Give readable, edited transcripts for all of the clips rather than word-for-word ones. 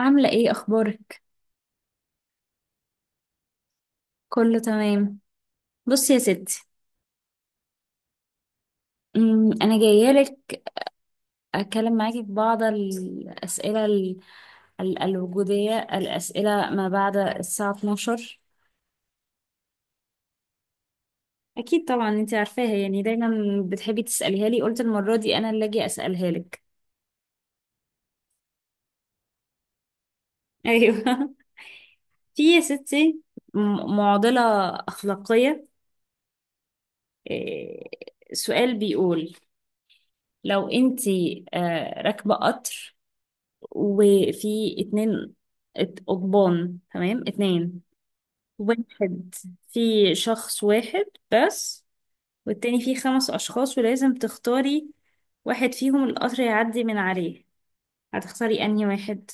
عاملة ايه؟ اخبارك؟ كله تمام. بصي يا ستي، انا جاية لك اتكلم معاكي في بعض الاسئلة الوجودية، الاسئلة ما بعد الساعة 12. اكيد طبعا انتي عارفاها، يعني دايما بتحبي تسأليها لي، قلت المرة دي انا اللي اجي اسألها لك. ايوه في يا ستي معضلة اخلاقية. إيه، سؤال بيقول، لو انتي راكبة قطر وفي اتنين قضبان، تمام؟ اتنين، واحد في شخص واحد بس، والتاني فيه خمس أشخاص، ولازم تختاري واحد فيهم القطر يعدي من عليه. هتختاري أنهي واحد؟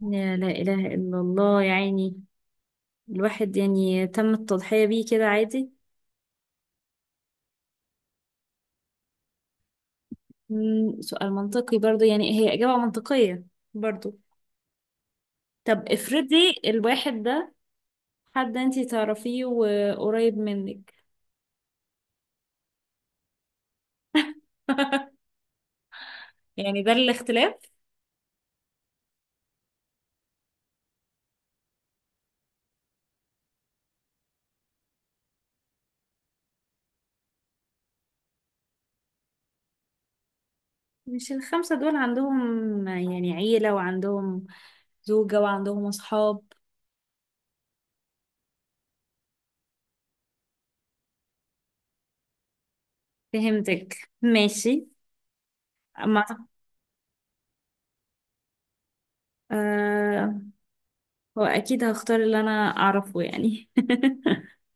لا، لا إله إلا الله، يعني الواحد يعني تم التضحية بيه كده عادي. سؤال منطقي برضو، يعني هي إجابة منطقية برضو. طب افرضي الواحد ده حد انتي تعرفيه وقريب منك. يعني ده الاختلاف. مش الخمسة دول عندهم يعني عيلة، وعندهم زوجة، وعندهم أصحاب؟ فهمتك ماشي. ما أعتقد- آه هو أكيد هختار اللي أنا أعرفه يعني.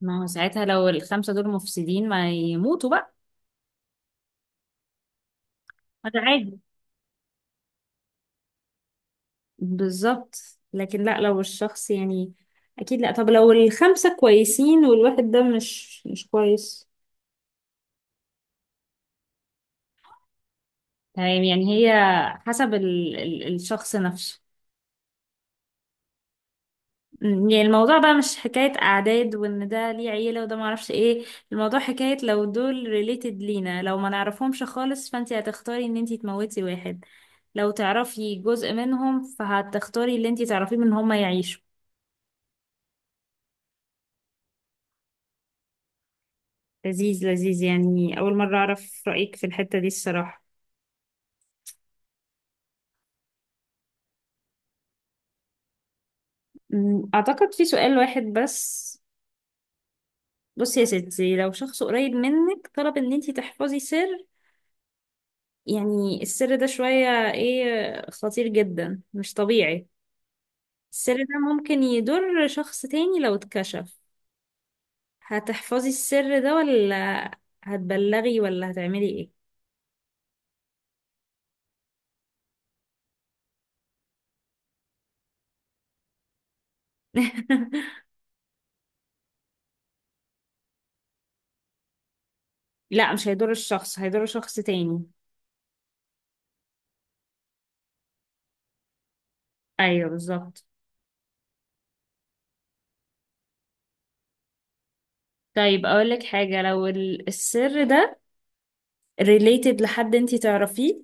ما هو ساعتها لو الخمسة دول مفسدين ما يموتوا بقى. ما ده عادي. بالظبط. لكن لا، لو الشخص يعني أكيد لا. طب لو الخمسة كويسين والواحد ده مش كويس؟ تمام. يعني هي حسب ال ال الشخص نفسه. يعني الموضوع بقى مش حكاية أعداد، وإن ده ليه عيلة وده معرفش إيه. الموضوع حكاية، لو دول ريليتد لينا، لو ما نعرفهمش خالص فأنتي هتختاري إن أنتي تموتي واحد. لو تعرفي جزء منهم فهتختاري اللي أنتي تعرفيه من هما يعيشوا. لذيذ لذيذ، يعني أول مرة أعرف رأيك في الحتة دي الصراحة. أعتقد في سؤال واحد بس. بصي يا ستي، لو شخص قريب منك طلب إن أنتي تحفظي سر، يعني السر ده شوية إيه، خطير جدا مش طبيعي، السر ده ممكن يضر شخص تاني لو اتكشف، هتحفظي السر ده ولا هتبلغي ولا هتعملي ايه؟ لا، مش هيضر الشخص، هيضر شخص تاني. ايوه بالظبط. طيب اقولك حاجة، لو السر ده related لحد انتي تعرفيه،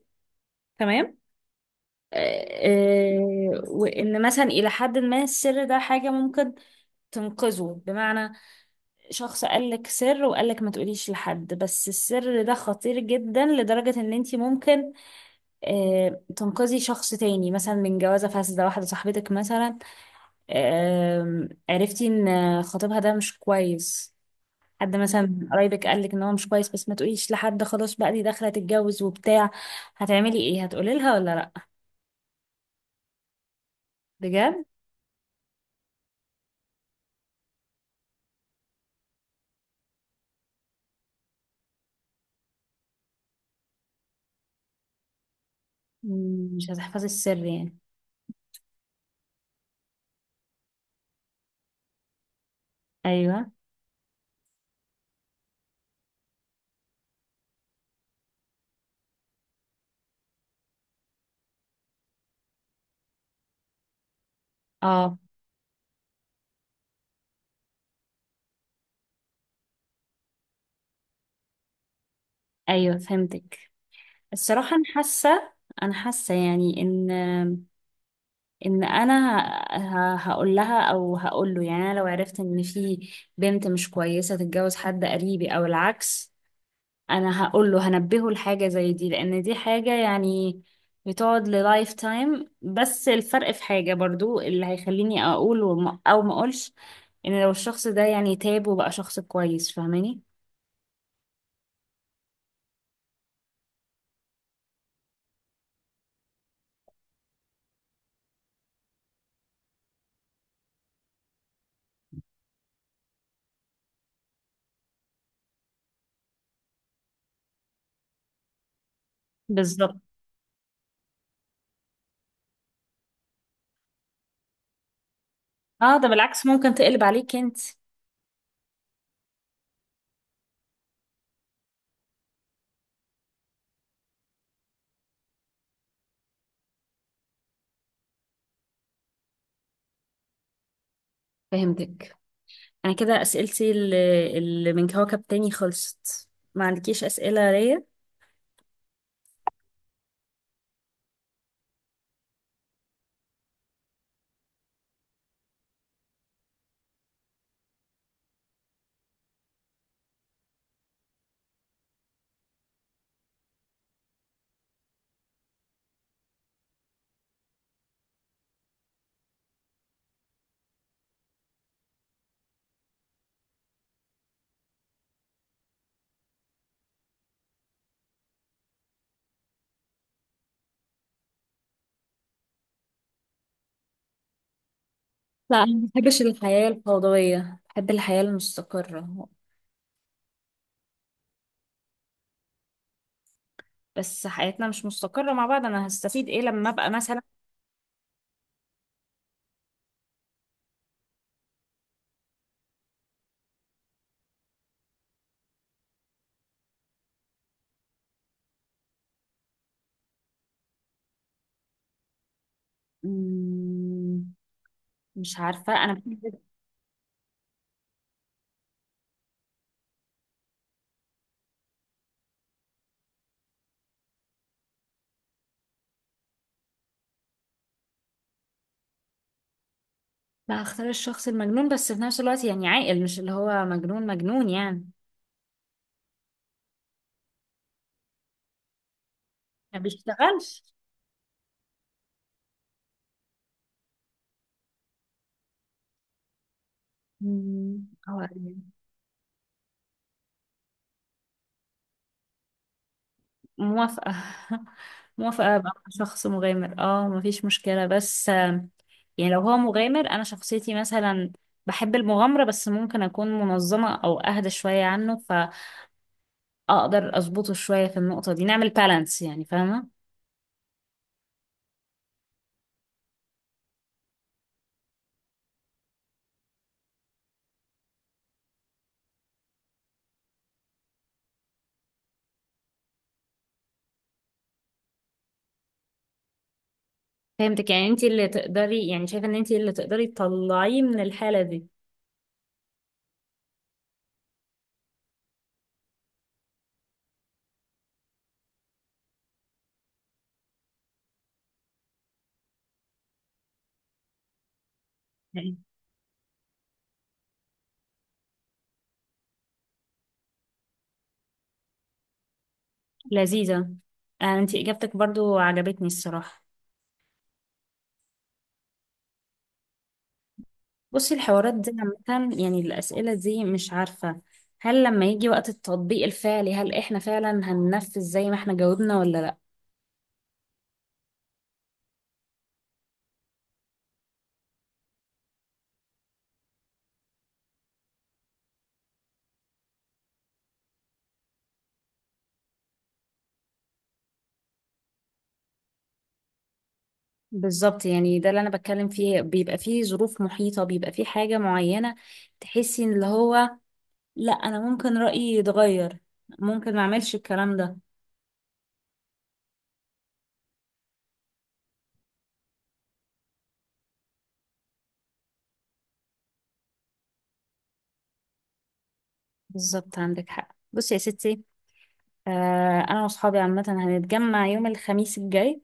تمام؟ آه، وان مثلا الى حد ما السر ده حاجة ممكن تنقذه، بمعنى شخص قالك سر وقالك ما تقوليش لحد، بس السر ده خطير جدا لدرجة ان انتي ممكن تنقذي شخص تاني، مثلا من جوازة فاسدة. واحدة صاحبتك مثلا، عرفتي ان خطيبها ده مش كويس، حد مثلا من قرايبك قالك ان هو مش كويس، بس ما تقوليش لحد، خلاص بقى دي داخلة تتجوز وبتاع. هتعملي ايه، هتقولي لها ولا لا؟ بجد؟ مش هتحفظي السر يعني؟ ايوه. اه ايوه فهمتك. الصراحة أنا حاسة، أنا حاسة يعني إن، إن أنا هقول لها أو هقول له. يعني أنا لو عرفت إن في بنت مش كويسة تتجوز حد قريبي أو العكس، أنا هقول له، هنبهه لحاجة زي دي، لأن دي حاجة يعني بتقعد للايف تايم. بس الفرق في حاجة برضو اللي هيخليني أقول أو ما أقولش، إن لو الشخص ده يعني تاب وبقى شخص كويس، فاهماني؟ بالظبط. اه ده بالعكس، ممكن تقلب عليك انت. فهمتك. انا كده اسئلتي اللي من كوكب تاني خلصت. ما عندكيش اسئله ليا؟ لا انا ما بحبش الحياه الفوضويه، بحب الحياه المستقره. بس حياتنا مش مستقره مع بعض، انا هستفيد ايه لما ابقى مثلا. مم، مش عارفه، انا بحب. لا، هختار الشخص المجنون، بس في نفس الوقت يعني عاقل، مش اللي هو مجنون مجنون يعني. ما بيشتغلش؟ هو. موافقة موافقة أبقى مع شخص مغامر، اه مفيش مشكلة، بس يعني لو هو مغامر، أنا شخصيتي مثلا بحب المغامرة، بس ممكن أكون منظمة أو أهدى شوية عنه، فأقدر أظبطه شوية في النقطة دي، نعمل بالانس يعني، فاهمة؟ فهمتك. يعني انتي اللي تقدري، يعني شايفة ان انتي اللي تقدري تطلعيه من الحالة دي. يعني لذيذة. انتي إجابتك برضو عجبتني الصراحة. بصي الحوارات دي عامة، يعني الأسئلة دي، مش عارفة هل لما يجي وقت التطبيق الفعلي هل احنا فعلا هننفذ زي ما احنا جاوبنا ولا لا. بالظبط. يعني ده اللي انا بتكلم فيه، بيبقى فيه ظروف محيطة، بيبقى فيه حاجة معينة تحسي ان اللي هو لا، انا ممكن رأيي يتغير، ممكن ما اعملش الكلام ده. بالظبط عندك حق. بصي يا ستي، انا واصحابي عامة هنتجمع يوم الخميس الجاي،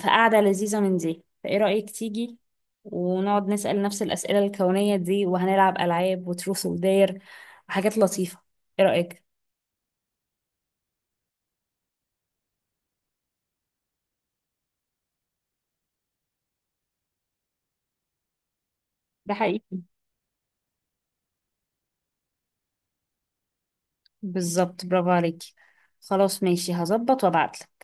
فقعدة لذيذة من دي، فايه رأيك تيجي ونقعد نسأل نفس الأسئلة الكونية دي، وهنلعب ألعاب وتروث ودير وحاجات لطيفة. ايه رأيك؟ ده حقيقي. بالظبط، برافو عليكي. خلاص ماشي، هظبط وابعتلك.